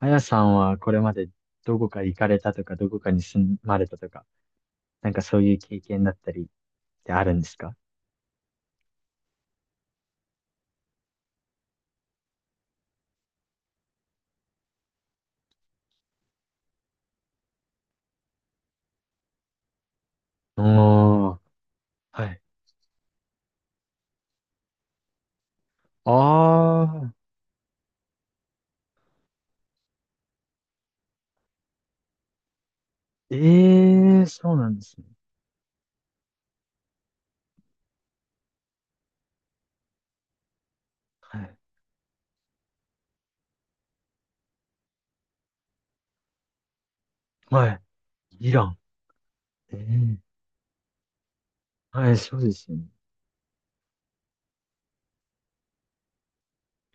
あやさんはこれまでどこか行かれたとか、どこかに住まれたとか、なんかそういう経験だったりってあるんですか？おー、はい。あー、ええー、そうなんですね。はい。はい。イラン。ええ、はい、そうですよね。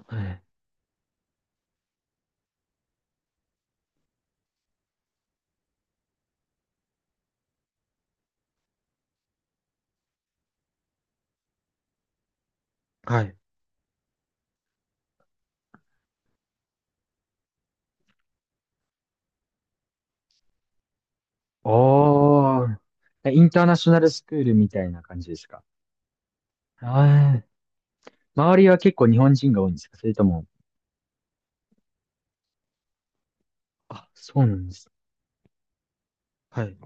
はい。はい。おー、インターナショナルスクールみたいな感じですか？はい。周りは結構日本人が多いんですか？それとも、あ、そうなんです。はい。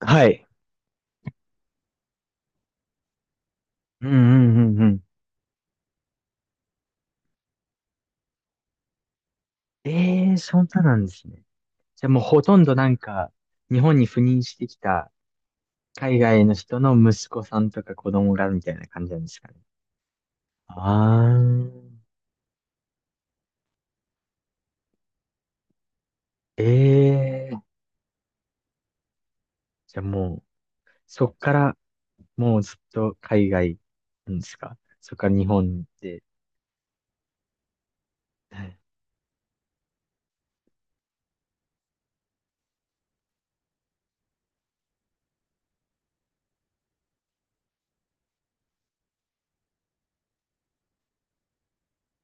はい。うんうんうん。ええ、そんななんですね。じゃあもうほとんどなんか、日本に赴任してきた海外の人の息子さんとか子供がみたいな感じなんですかね。あー、ええ、じゃあもう、そっから、もうずっと海外なんですか？そっから日本で。はい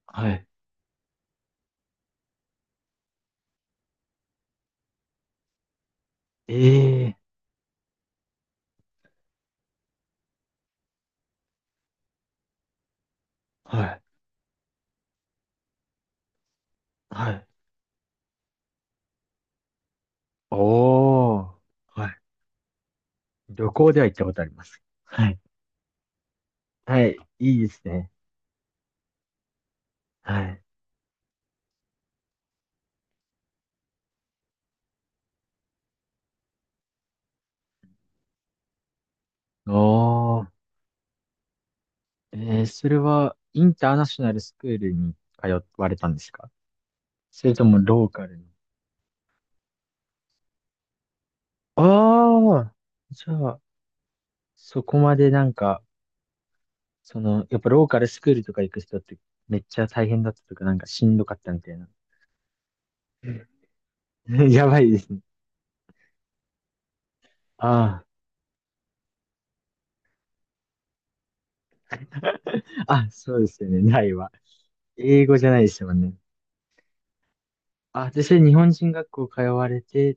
はい。ええ、はい。はい。おー。はい。旅行では行ったことあります。はい。はい。いいですね。はい。おー。えそれは、インターナショナルスクールに通われたんですか？それともローカルの、ああ、じゃあ、そこまでなんか、やっぱローカルスクールとか行く人ってめっちゃ大変だったとか、なんかしんどかったみたいな。やばいですね。ああ、あ、そうですよね。ないわ。英語じゃないですもんね。あ、で、それ日本人学校通われて、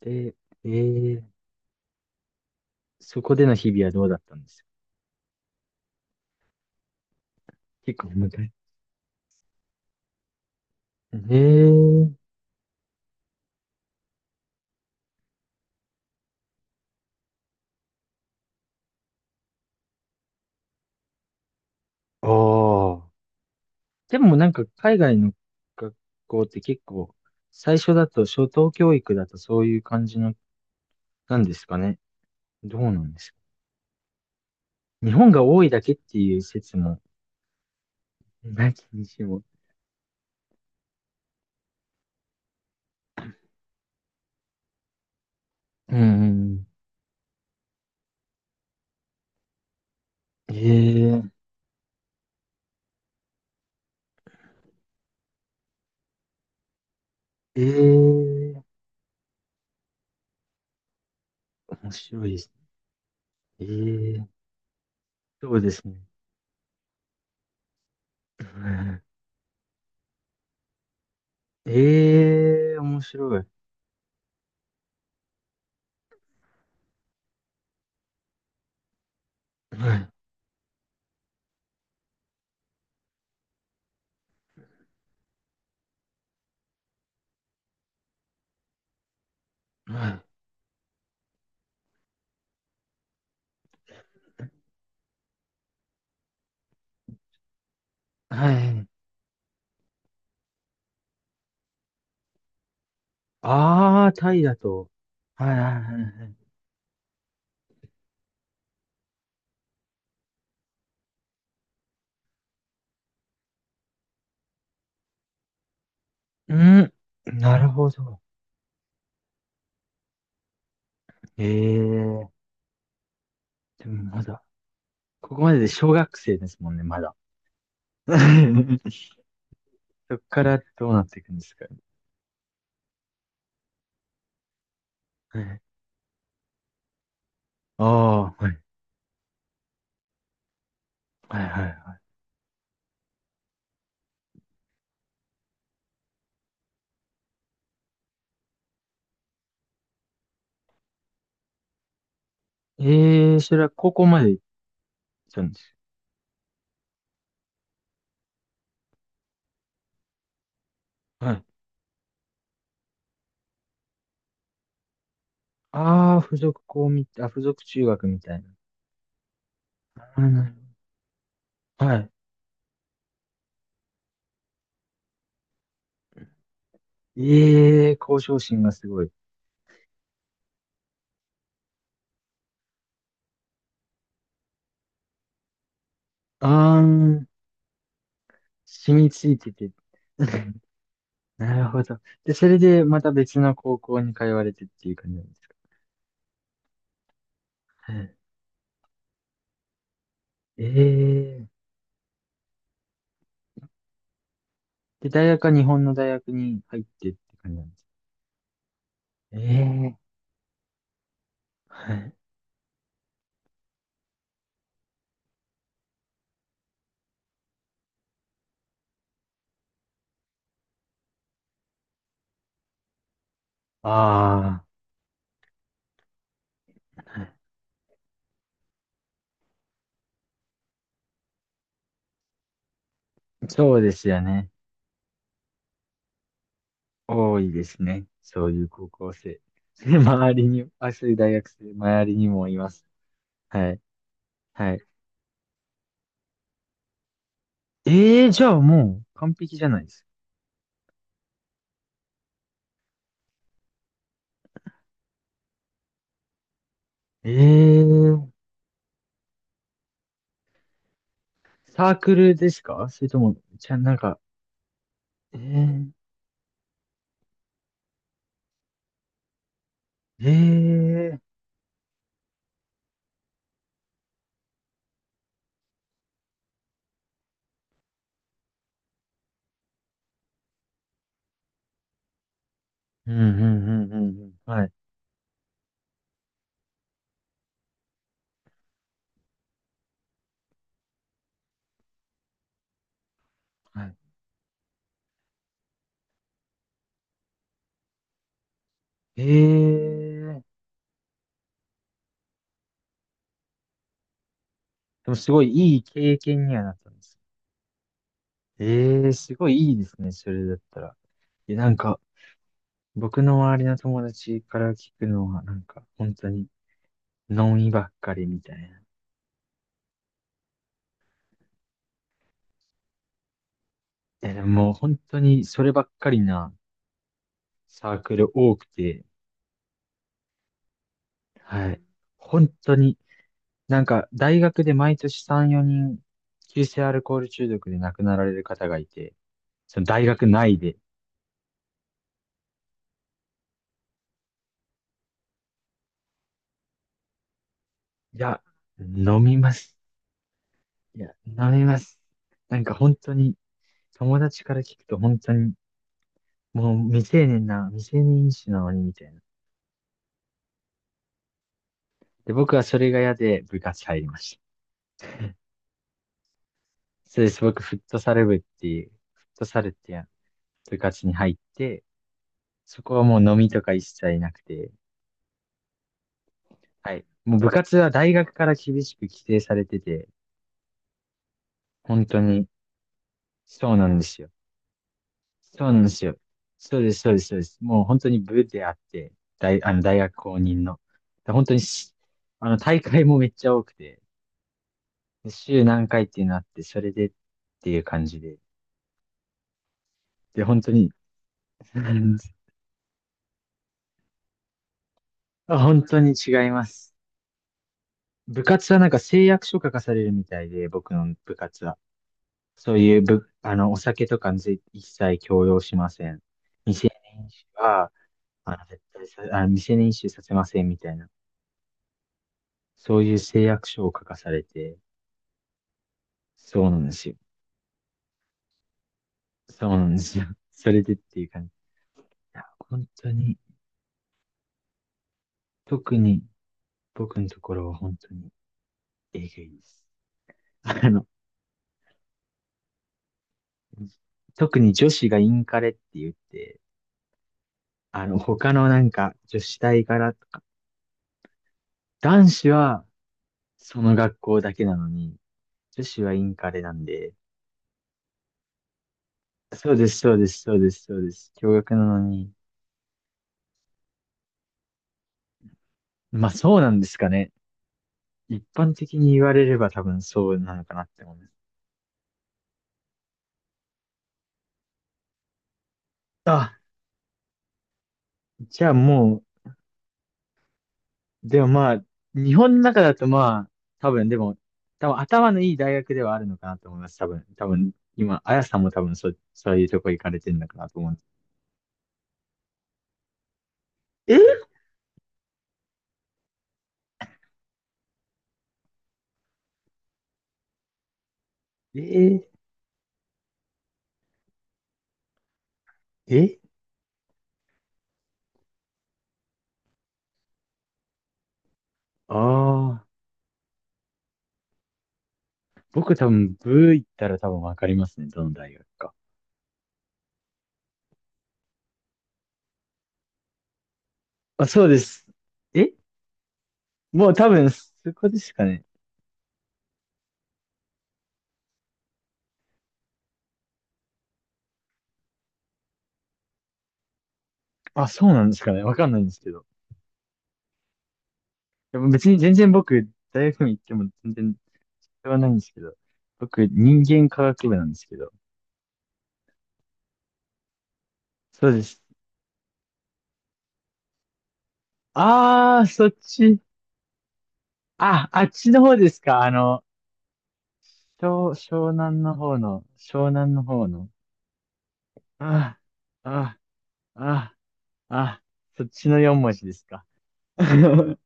で、えー、そこでの日々はどうだったんですか？結構難しい。ええー、ああ。でもなんか海外の学校って結構、最初だと、初等教育だとそういう感じの、なんですかね。どうなんですか。日本が多いだけっていう説も、なきにしも。うんうんうん。ええ、ええ面白いですね。ええ、そうですね。ええ面白い。はい、はい、はい。ああ、タイだと。はい、はい、はい。はい、うん、なるほど。ええ、でもまだ。ここまでで小学生ですもんね、まだ。そこからどうなっていくんですかね。ああ、はい。はいはいはい。ええー、それは高校まで行ったんですよ。はい。ああ、付属校みたい、あ、付属中学みたいな。はいはいはい。ええー、向上心がすごい。あー、染みついてて。なるほど。で、それでまた別の高校に通われてっていう感じなんですか。はい、ええー、で、大学は日本の大学に入ってって感じなんですか？ええ、はい。ああ、そうですよね。多いですね。そういう高校生。それ周りに、あ、そういう大学生、周りにもいます。はい。はい。ええ、じゃあもう完璧じゃないですか。ええ、サークルですか？それとも、じゃあなんか、ええええ、うん、うん、うん、うん。うん、はい。はい。ええ、でもすごいいい経験にはなったんです。ええ、すごいいいですね。それだったら。え、なんか、僕の周りの友達から聞くのは、なんか、本当に、ノンイばっかりみたいな。え、でももう本当に、そればっかりなサークル多くて、はい。本当に、なんか、大学で毎年3、4人、急性アルコール中毒で亡くなられる方がいて、その大学内で、いや、飲みます。いや、飲みます。なんか本当に、友達から聞くと本当に、もう未成年飲酒なのにみたいな。で、僕はそれが嫌で部活入りました。そうです。僕、フットサルっていう部活に入って、そこはもう飲みとか一切なくて、はい。もう部活は大学から厳しく規制されてて、本当に、そうなんですよ。そうなんですよ。そうです、そうです、そうです。もう本当に部であって、大学公認の。で本当にし、あの、大会もめっちゃ多くて、で週何回っていうのあって、それでっていう感じで。で、本当に、あ、本当に違います。部活はなんか誓約書書かされるみたいで、僕の部活は。そういうぶあの、お酒とか一切強要しません。未成年飲酒は、絶対さ、あの、未成年飲酒させませんみたいな。そういう誓約書を書かされて、そうなんですよ。そうなんですよ。それでっていう感じ。いや、本当に、特に僕のところは本当にえぐいです。あの、特に女子がインカレって言って、他のなんか、女子大からとか、男子はその学校だけなのに、女子はインカレなんで、そうです、そうです、そうです、そうです。共学なのに、まあそうなんですかね。一般的に言われれば多分そうなのかなって思います。あ、じゃあもう、でもまあ、日本の中だとまあ、多分でも、多分頭のいい大学ではあるのかなと思います。多分、多分、今、あやさんも多分そういうとこ行かれてるのかなと思うんです。ええええ、ああ、僕多分、ブー行ったら多分わかりますね。どの大学か。あ、そうです。えもう多分、そこですかね。あ、そうなんですかね。わかんないんですけど。でも別に全然僕、大学に行っても全然、それはないんですけど。僕、人間科学部なんですけど。そうです。あー、そっち。あ、あっちの方ですか。湘南の方の、湘南の方の。あー、あー、あー、あー、そっちの4文字ですか？そ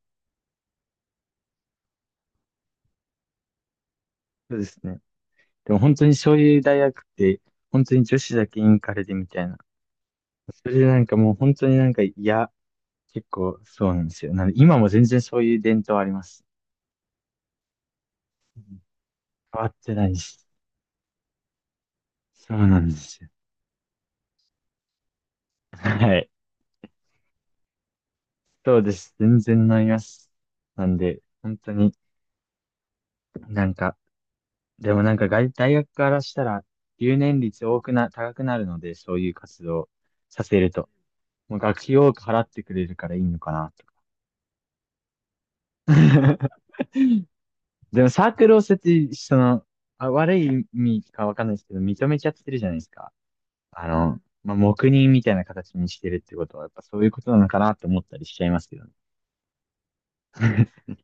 うですね。でも本当にそういう大学って、本当に女子だけインカレでみたいな。それでなんかもう本当になんか嫌、結構そうなんですよ。なんで今も全然そういう伝統あります。変わってないし。そうなんですよ。はい。そうです。全然なります。なんで、本当になんか、でもなんか外大学からしたら留年率多くな、高くなるので、そういう活動させると。もう学費多く払ってくれるからいいのかな、とか。でもサークルを設置、悪い意味かわかんないですけど、認めちゃってるじゃないですか。まあ、黙認みたいな形にしてるってことは、やっぱそういうことなのかなって思ったりしちゃいますけどね。